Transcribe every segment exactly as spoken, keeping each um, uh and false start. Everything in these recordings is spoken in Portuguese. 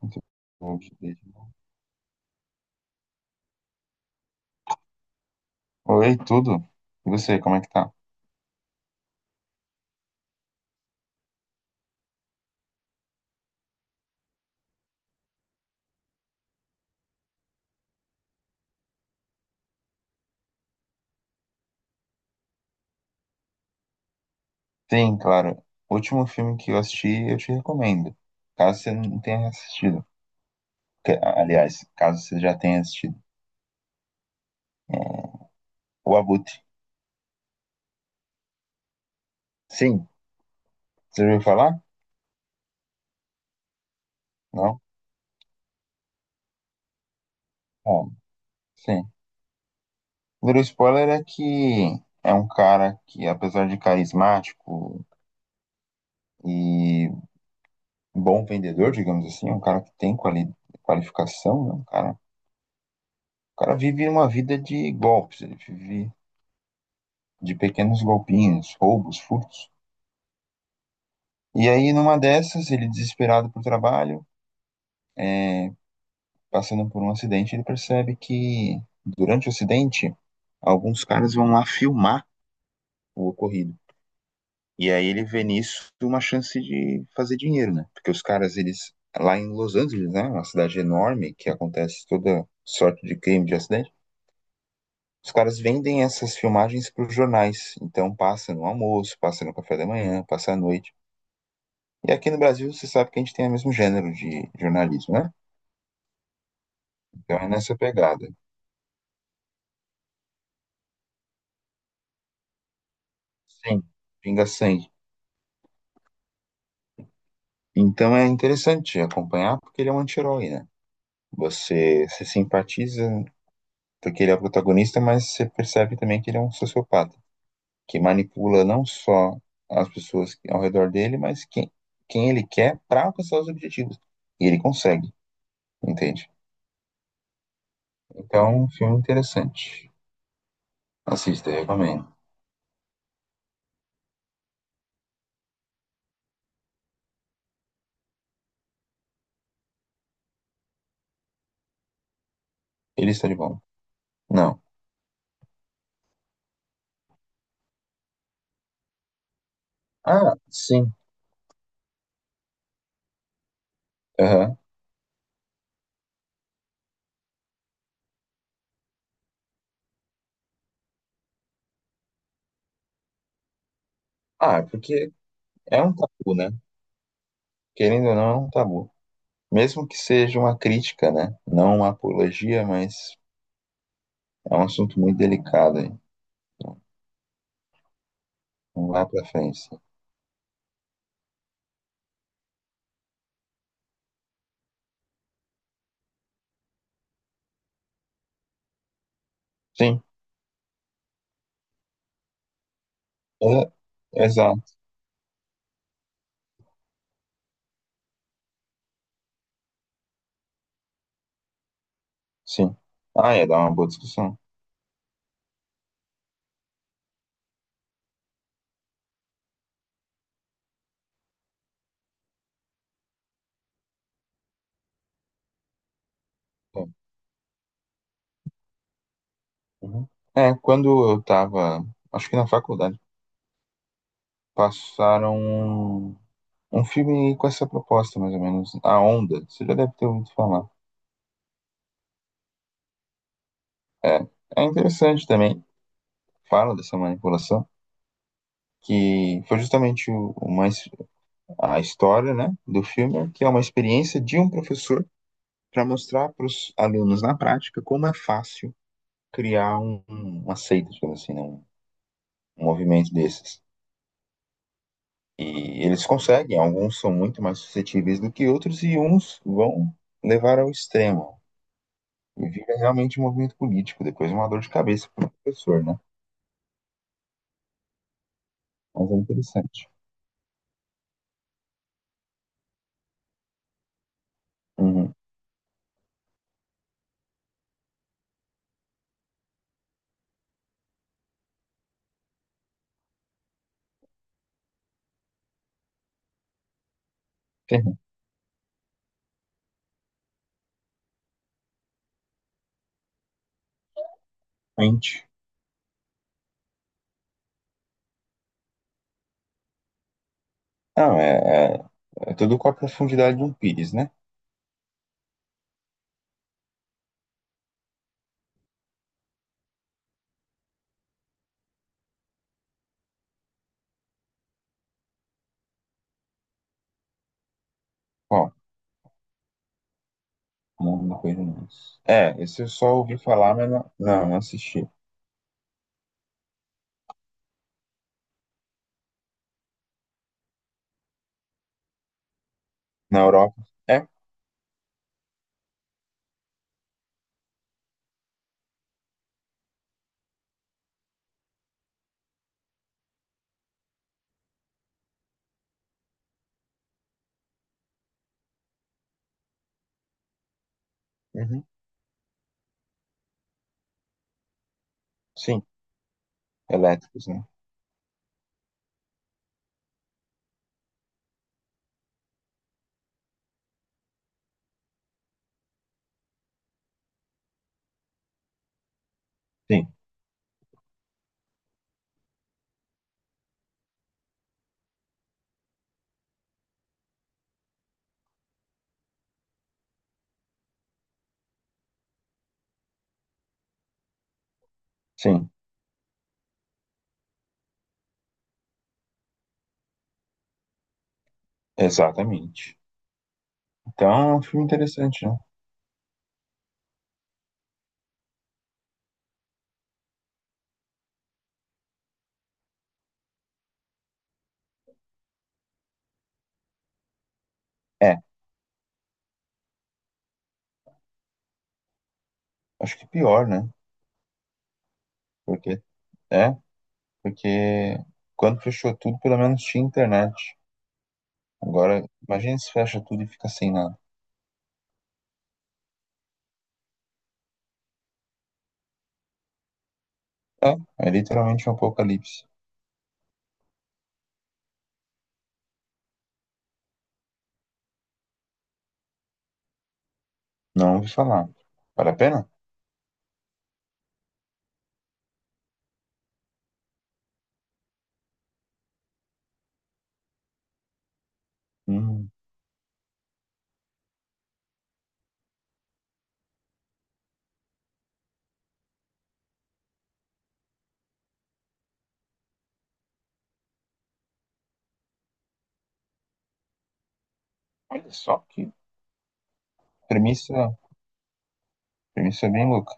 Muito bom, Juliette. Oi, tudo? E você, como é que tá? Sim, claro. O último filme que eu assisti, eu te recomendo. Caso você não tenha assistido. Que- Aliás, caso você já tenha assistido. O Abutre. Sim. Você ouviu falar? Não? Bom, sim. O primeiro spoiler é que é um cara que, apesar de carismático e bom vendedor, digamos assim, é um cara que tem quali- qualificação, né? Um cara, o cara vive uma vida de golpes. Ele vive de pequenos golpinhos, roubos, furtos. E aí, numa dessas, ele desesperado por trabalho, passando por um acidente, ele percebe que durante o acidente, alguns caras vão lá filmar o ocorrido. E aí ele vê nisso uma chance de fazer dinheiro, né? Porque os caras, eles lá em Los Angeles, né, uma cidade enorme que acontece toda sorte de crime, de acidente, os caras vendem essas filmagens para os jornais. Então passa no almoço, passa no café da manhã, passa à noite. E aqui no Brasil, você sabe que a gente tem o mesmo gênero de jornalismo, né? Então é nessa pegada. Sim. Pinga sangue. Então é interessante acompanhar porque ele é um anti-herói, né? Você se simpatiza porque ele é o protagonista, mas você percebe também que ele é um sociopata, que manipula não só as pessoas ao redor dele, mas quem, quem ele quer para alcançar os objetivos. E ele consegue, entende? Então, é um filme interessante. Assista, recomendo. Ele está de bom. Não. Ah, sim. Aham. Ah, é porque é um tabu, né? Querendo ou não, é um tabu. Mesmo que seja uma crítica, né? Não uma apologia, mas é um assunto muito delicado, aí não vai pra frente. Sim. É, exato, sim. Ah, ia dar uma boa discussão. É, uhum. É, quando eu tava, acho que na faculdade, passaram um, um filme com essa proposta, mais ou menos. A Onda, você já deve ter ouvido falar. É, é interessante também, fala dessa manipulação, que foi justamente o, o mais a história, né, do filme, que é uma experiência de um professor para mostrar para os alunos na prática como é fácil criar um, um- uma seita, digamos assim, né, um, um movimento desses. E eles conseguem, alguns são muito mais suscetíveis do que outros e uns vão levar ao extremo. E vira realmente um movimento político, depois uma dor de cabeça para o professor, né? Mas é interessante. Uhum. Realmente. Não, é, é é tudo com a profundidade de um pires, né? Ó, mundo não conheço. É, esse eu só ouvi falar, mas não, não, não assisti. Na Europa. É? Uhum. Sim, elétricos, né? Sim, sim, exatamente. Então é um filme interessante, né? É, acho que pior, né? Porque, é, porque quando fechou tudo, pelo menos tinha internet. Agora, imagina se fecha tudo e fica sem nada. É, é literalmente um apocalipse. Não ouvi falar. Vale a pena? Hum, olha só que premissa, premissa bem louca.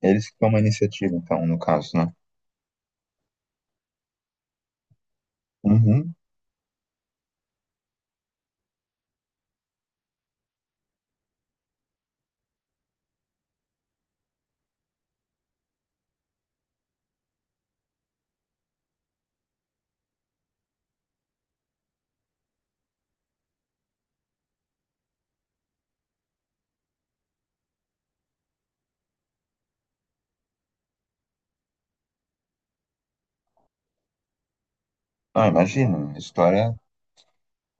Eles que tomam a iniciativa, então, no caso, né? Uhum. Ah, imagina, a história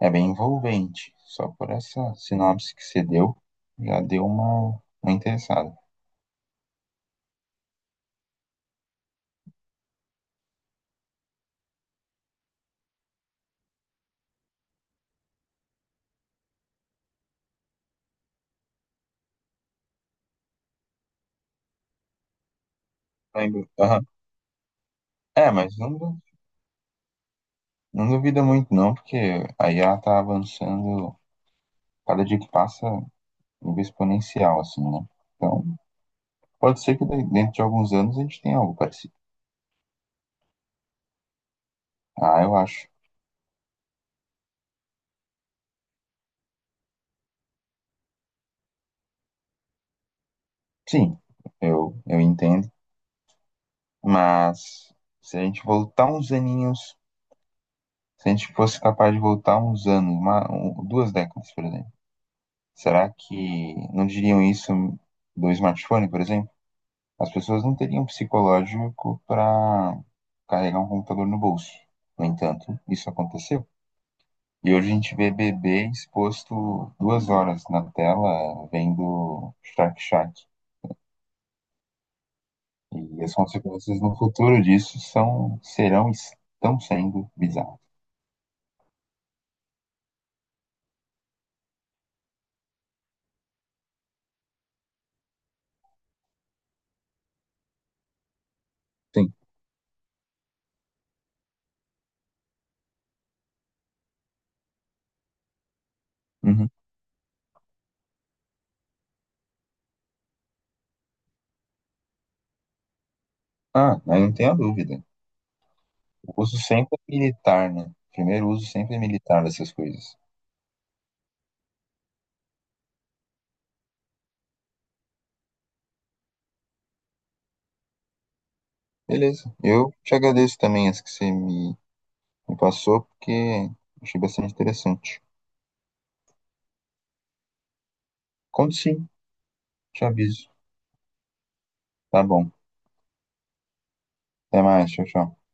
é bem envolvente. Só por essa sinopse que você deu, já deu uma, uma interessada. Lembro. Aham. É, mas não, du- não duvida muito, não, porque aí ela tá avançando, cada dia que passa, nível exponencial, assim, né? Então, pode ser que de- dentro de alguns anos a gente tenha algo parecido. Ah, eu acho. Sim, eu, eu entendo. Mas se a gente voltar uns aninhos. Se a gente fosse capaz de voltar uns anos, uma, um- duas décadas, por exemplo, será que não diriam isso do smartphone, por exemplo? As pessoas não teriam psicológico para carregar um computador no bolso. No entanto, isso aconteceu. E hoje a gente vê bebê exposto duas horas na tela vendo Shark Shark. E as consequências no futuro disso são, serão e estão sendo bizarras. Sim. Uhum. Ah, aí não tenho a dúvida. O uso sempre é militar, né? Primeiro uso sempre é militar dessas coisas. Beleza. Eu te agradeço também as que você me, me, passou, porque achei bastante interessante. Conto sim, te aviso. Tá bom. Até mais. Tchau, tchau.